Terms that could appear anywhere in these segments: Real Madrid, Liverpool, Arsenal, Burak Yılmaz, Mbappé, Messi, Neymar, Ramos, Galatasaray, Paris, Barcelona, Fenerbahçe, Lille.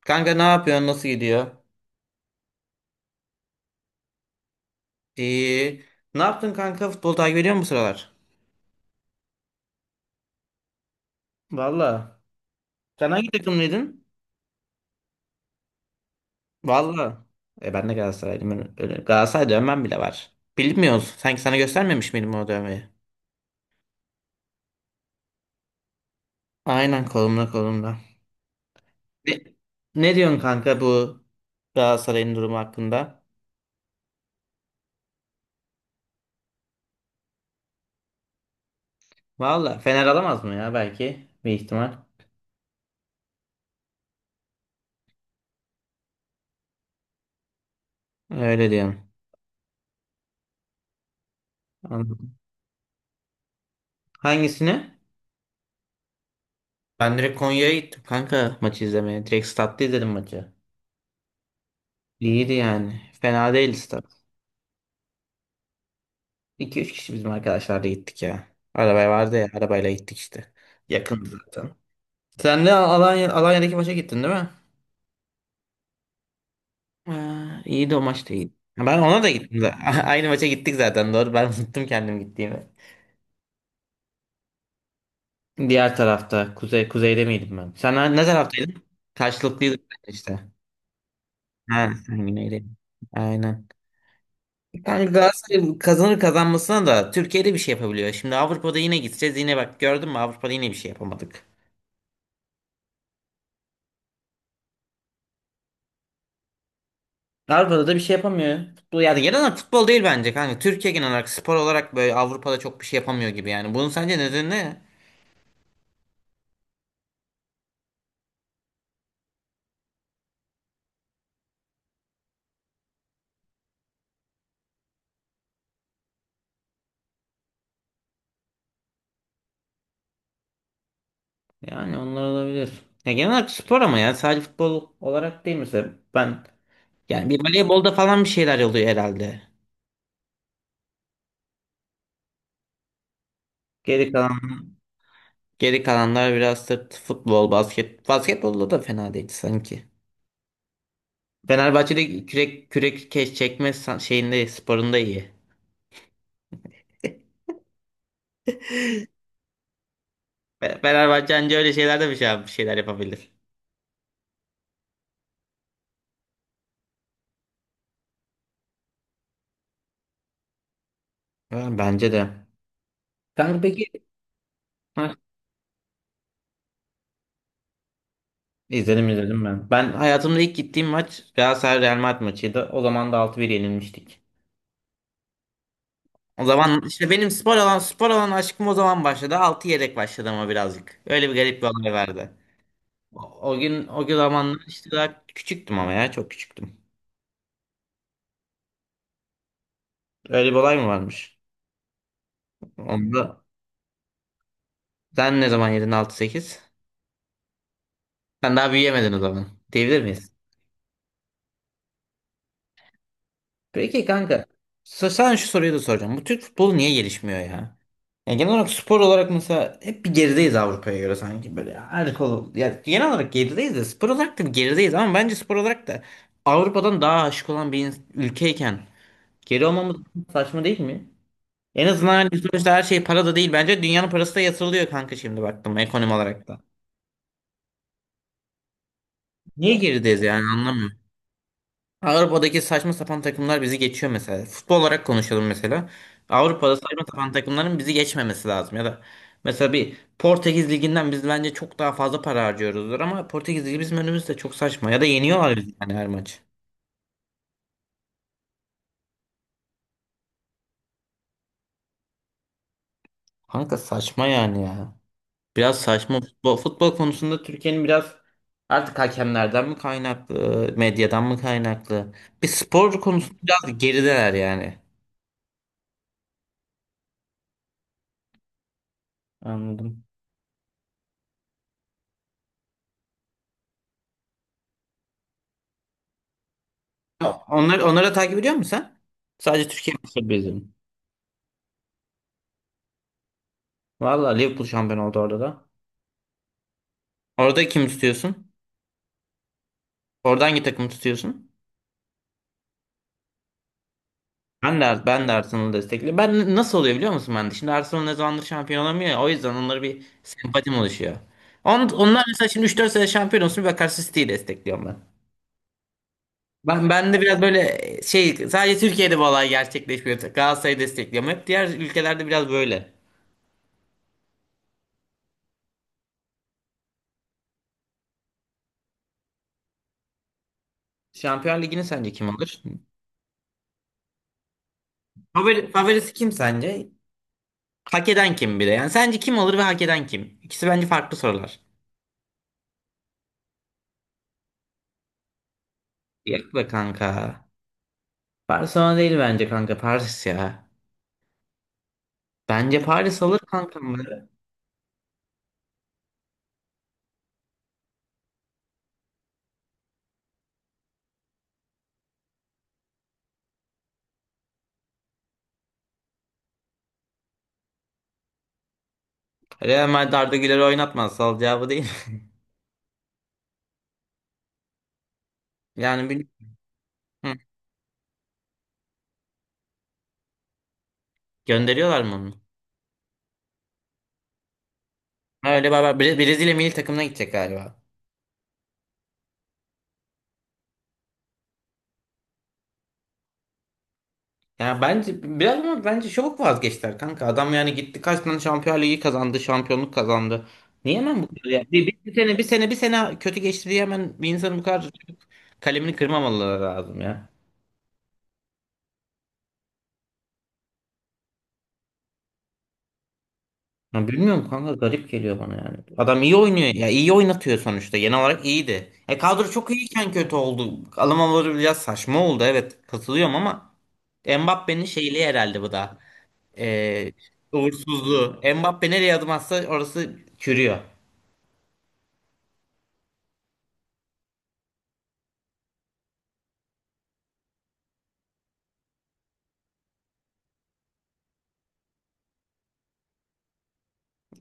Kanka ne yapıyorsun? Nasıl gidiyor? İyi. Ne yaptın kanka? Futbol takip ediyor musun bu sıralar? Valla. Sen hangi takımlıydın? Valla. E, ben de Galatasaraylıyım. Ben öyle, Galatasaray dövmem bile var. Bilmiyoruz. Sanki sana göstermemiş miydim o dövmeyi? Aynen, kolumda kolumda. Ne, ne diyorsun kanka bu Galatasaray'ın durumu hakkında? Valla Fener alamaz mı ya, belki? Bir ihtimal. Öyle diyorum. Anladım. Hangisini? Ben direkt Konya'ya gittim kanka, maçı izlemeye. Direkt statta izledim maçı. İyiydi yani. Fena değiliz tabii. iki üç kişi bizim arkadaşlarla gittik ya. Arabaya vardı ya. Arabayla gittik işte. Yakındı zaten. Sen de Alanya'daki maça gittin değil mi? Ha, iyiydi, o maç da iyiydi. Ben ona da gittim de. Aynı maça gittik zaten, doğru. Ben unuttum kendim gittiğimi. Diğer tarafta. Kuzeyde miydim ben? Sen ne taraftaydın? Karşılıklıydık işte. Ha, sen güneydeydin. Aynen. Yani Galatasaray kazanır kazanmasına da, Türkiye'de bir şey yapabiliyor. Şimdi Avrupa'da yine gideceğiz. Yine bak, gördün mü, Avrupa'da yine bir şey yapamadık. Avrupa'da da bir şey yapamıyor ya. Futbol yani, genel olarak futbol değil bence kanka. Türkiye genel olarak spor olarak böyle Avrupa'da çok bir şey yapamıyor gibi yani. Bunun sence nedeni ne? Yani onlar olabilir. Ya genel olarak spor, ama ya sadece futbol olarak değil mesela. Ben yani bir voleybolda falan bir şeyler oluyor herhalde. Geri kalan geri kalanlar biraz da futbol, basket. Basketbolda da fena değil sanki. Fenerbahçe'de kürek kürek, keş çekme san- şeyinde sporunda iyi. Fenerbahçe anca öyle şeylerde bir şeyler yapabilir. Yani bence de. Kanka peki. Heh, izledim izledim ben. Ben hayatımda ilk gittiğim maç Galatasaray Real Madrid maçıydı. O zaman da 6-1 yenilmiştik. O zaman işte benim spor alan aşkım o zaman başladı. 6 yedek başladı ama birazcık. Öyle bir garip bir olay vardı. O, o zamanlar işte daha küçüktüm, ama ya çok küçüktüm. Öyle bir olay mı varmış? Onda sen ne zaman yedin altı sekiz? Sen daha büyüyemedin o zaman, diyebilir miyiz? Peki kanka. Sana şu soruyu da soracağım. Bu Türk futbolu niye gelişmiyor ya? Yani genel olarak spor olarak mesela, hep bir gerideyiz Avrupa'ya göre, sanki böyle her konu. Yani genel olarak gerideyiz de, spor olarak da bir gerideyiz, ama bence spor olarak da Avrupa'dan daha aşık olan bir ülkeyken geri olmamız saçma değil mi? En azından hani sonuçta her şey para da değil. Bence dünyanın parası da yatırılıyor kanka, şimdi baktım ekonomi olarak da. Niye gerideyiz yani, anlamıyorum. Avrupa'daki saçma sapan takımlar bizi geçiyor mesela. Futbol olarak konuşalım mesela. Avrupa'da saçma sapan takımların bizi geçmemesi lazım. Ya da mesela bir Portekiz Ligi'nden biz bence çok daha fazla para harcıyoruzdur, ama Portekiz Ligi bizim önümüzde, çok saçma. Ya da yeniyorlar bizi yani, her maç. Kanka saçma yani ya. Biraz saçma futbol. Futbol konusunda Türkiye'nin biraz, artık hakemlerden mi kaynaklı, medyadan mı kaynaklı? Bir spor konusunda biraz gerideler yani. Anladım. Onları da takip ediyor musun sen? Sadece Türkiye maçları beziyorum. Valla Liverpool şampiyon oldu orada da. Orada kim tutuyorsun? Orada hangi takımı tutuyorsun? Ben de Arsenal'ı destekliyorum. Ben nasıl oluyor biliyor musun ben de? Şimdi Arsenal ne zamandır şampiyon olamıyor ya. O yüzden onlara bir sempatim oluşuyor. Onlar mesela, şimdi 3-4 sene şampiyon olsun, bir bakarsın City'yi destekliyorum ben. Ben de biraz böyle şey, sadece Türkiye'de bu olay gerçekleşmiyor. Galatasaray'ı destekliyorum. Hep diğer ülkelerde biraz böyle. Şampiyon Ligi'ni sence kim alır? Favorisi kim sence? Hak eden kim bir de? Yani sence kim alır ve hak eden kim? İkisi bence farklı sorular. Yok be kanka. Barcelona değil bence kanka. Paris ya. Bence Paris alır kanka. Real Madrid Arda Güler'i oynatmaz. Sal cevabı değil. Yani bil- Hı. Gönderiyorlar mı onu? Ha, öyle baba. Brezilya milli takımına gidecek galiba. Yani bence biraz, ama bence çabuk vazgeçtiler kanka. Adam yani gitti, kaç tane Şampiyonlar Ligi kazandı, şampiyonluk kazandı. Niye hemen bu kadar ya? Bir sene kötü geçti diye hemen bir insanın bu kadar çabuk kalemini kırmamaları lazım ya. Ya bilmiyorum kanka, garip geliyor bana yani. Adam iyi oynuyor ya, iyi oynatıyor, sonuçta genel olarak iyiydi. E, kadro çok iyiyken kötü oldu. Alımları biraz saçma oldu, evet katılıyorum, ama Mbappé'nin şeyliği herhalde bu da. E, Uğursuzluğu. Mbappé nereye adım atsa orası çürüyor.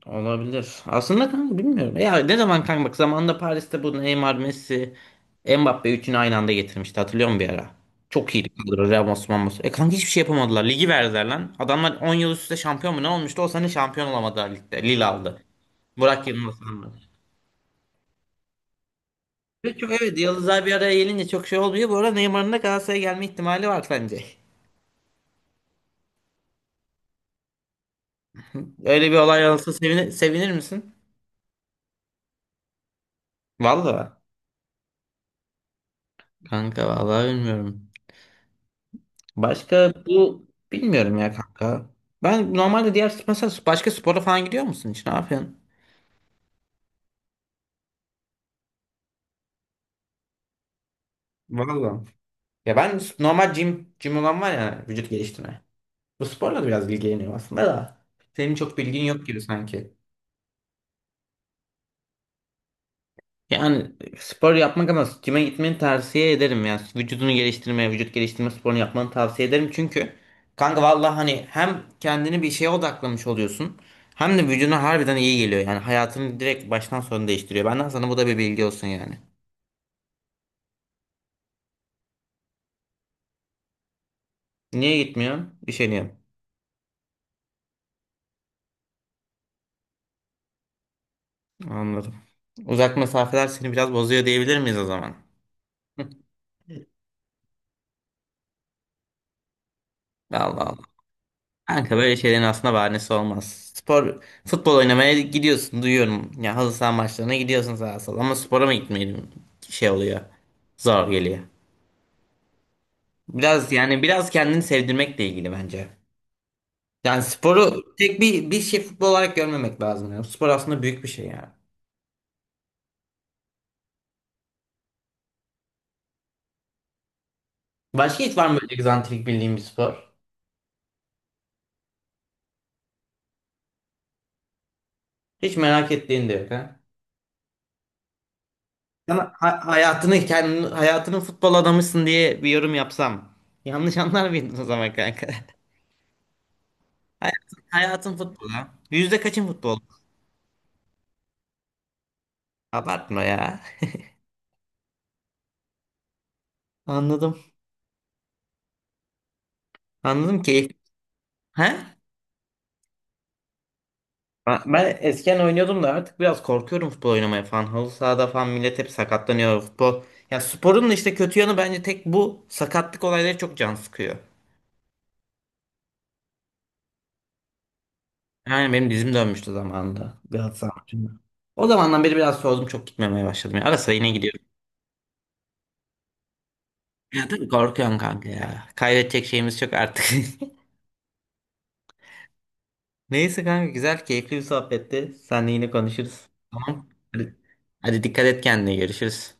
Olabilir. Aslında kanka bilmiyorum. Ya ne zaman kanka bak, zamanında Paris'te bu Neymar, Messi, Mbappe üçünü aynı anda getirmişti. Hatırlıyor musun bir ara? Çok iyiydi kadro. Ramos, Ramos. E kanka, hiçbir şey yapamadılar. Ligi verdiler lan. Adamlar 10 yıl üst üste şampiyon mu ne olmuştu? O sene şampiyon olamadılar ligde. Lille aldı. Burak Yılmaz aldı. Ve çok, evet, yıldızlar bir araya gelince çok şey olmuyor. Bu arada Neymar'ın da Galatasaray'a gelme ihtimali var sence. Öyle bir olay olsa sevinir misin? Vallahi kanka, vallahi bilmiyorum. Başka bu, bilmiyorum ya kanka. Ben normalde, diğer mesela, başka spora falan gidiyor musun hiç? Ne yapıyorsun? Valla. Ya ben normal gym olan var ya, vücut geliştirme. Bu sporla da biraz ilgileniyorum aslında da. Senin çok bilgin yok gibi sanki. Yani spor yapmak, ama cime gitmeni tavsiye ederim yani, vücudunu geliştirmeye, vücut geliştirme sporunu yapmanı tavsiye ederim çünkü kanka vallahi, hani hem kendini bir şeye odaklamış oluyorsun, hem de vücuduna harbiden iyi geliyor, yani hayatını direkt baştan sona değiştiriyor. Benden sana bu da bir bilgi olsun yani. Niye gitmiyorsun? Üşeniyorum. Anladım. Uzak mesafeler seni biraz bozuyor diyebilir miyiz o zaman? Allah Allah. Kanka böyle şeylerin aslında bahanesi olmaz. Spor, futbol oynamaya gidiyorsun, duyuyorum. Ya halı saha maçlarına gidiyorsun sağa sola, ama spora mı gitmeyelim, şey oluyor. Zor geliyor. Biraz kendini sevdirmekle ilgili bence. Yani sporu tek bir şey, futbol olarak görmemek lazım ya. Spor aslında büyük bir şey yani. Başka hiç var mı böyle egzantrik bildiğin bir spor? Hiç merak ettiğin de yok ha? Sana hayatının futbol adamısın diye bir yorum yapsam yanlış anlar mıydın o zaman kanka? Hayatın futbolu, ha. Yüzde kaçın futbol? Abartma ya. Anladım. Anladım ki. He? Ben eskiden oynuyordum da, artık biraz korkuyorum futbol oynamaya falan. Halı sahada falan millet hep sakatlanıyor, futbol. Ya sporun da işte kötü yanı bence tek, bu sakatlık olayları çok can sıkıyor. Yani benim dizim dönmüştü zamanında. Galatasaray maçında. O zamandan beri biraz soğudum, çok gitmemeye başladım. Ya. Ara sıra yine gidiyorum. Ya tabii korkuyorum kanka ya. Kaybedecek şeyimiz çok artık. Neyse kanka, güzel keyifli bir sohbetti. Seninle yine konuşuruz. Tamam. Hadi, hadi dikkat et kendine, görüşürüz.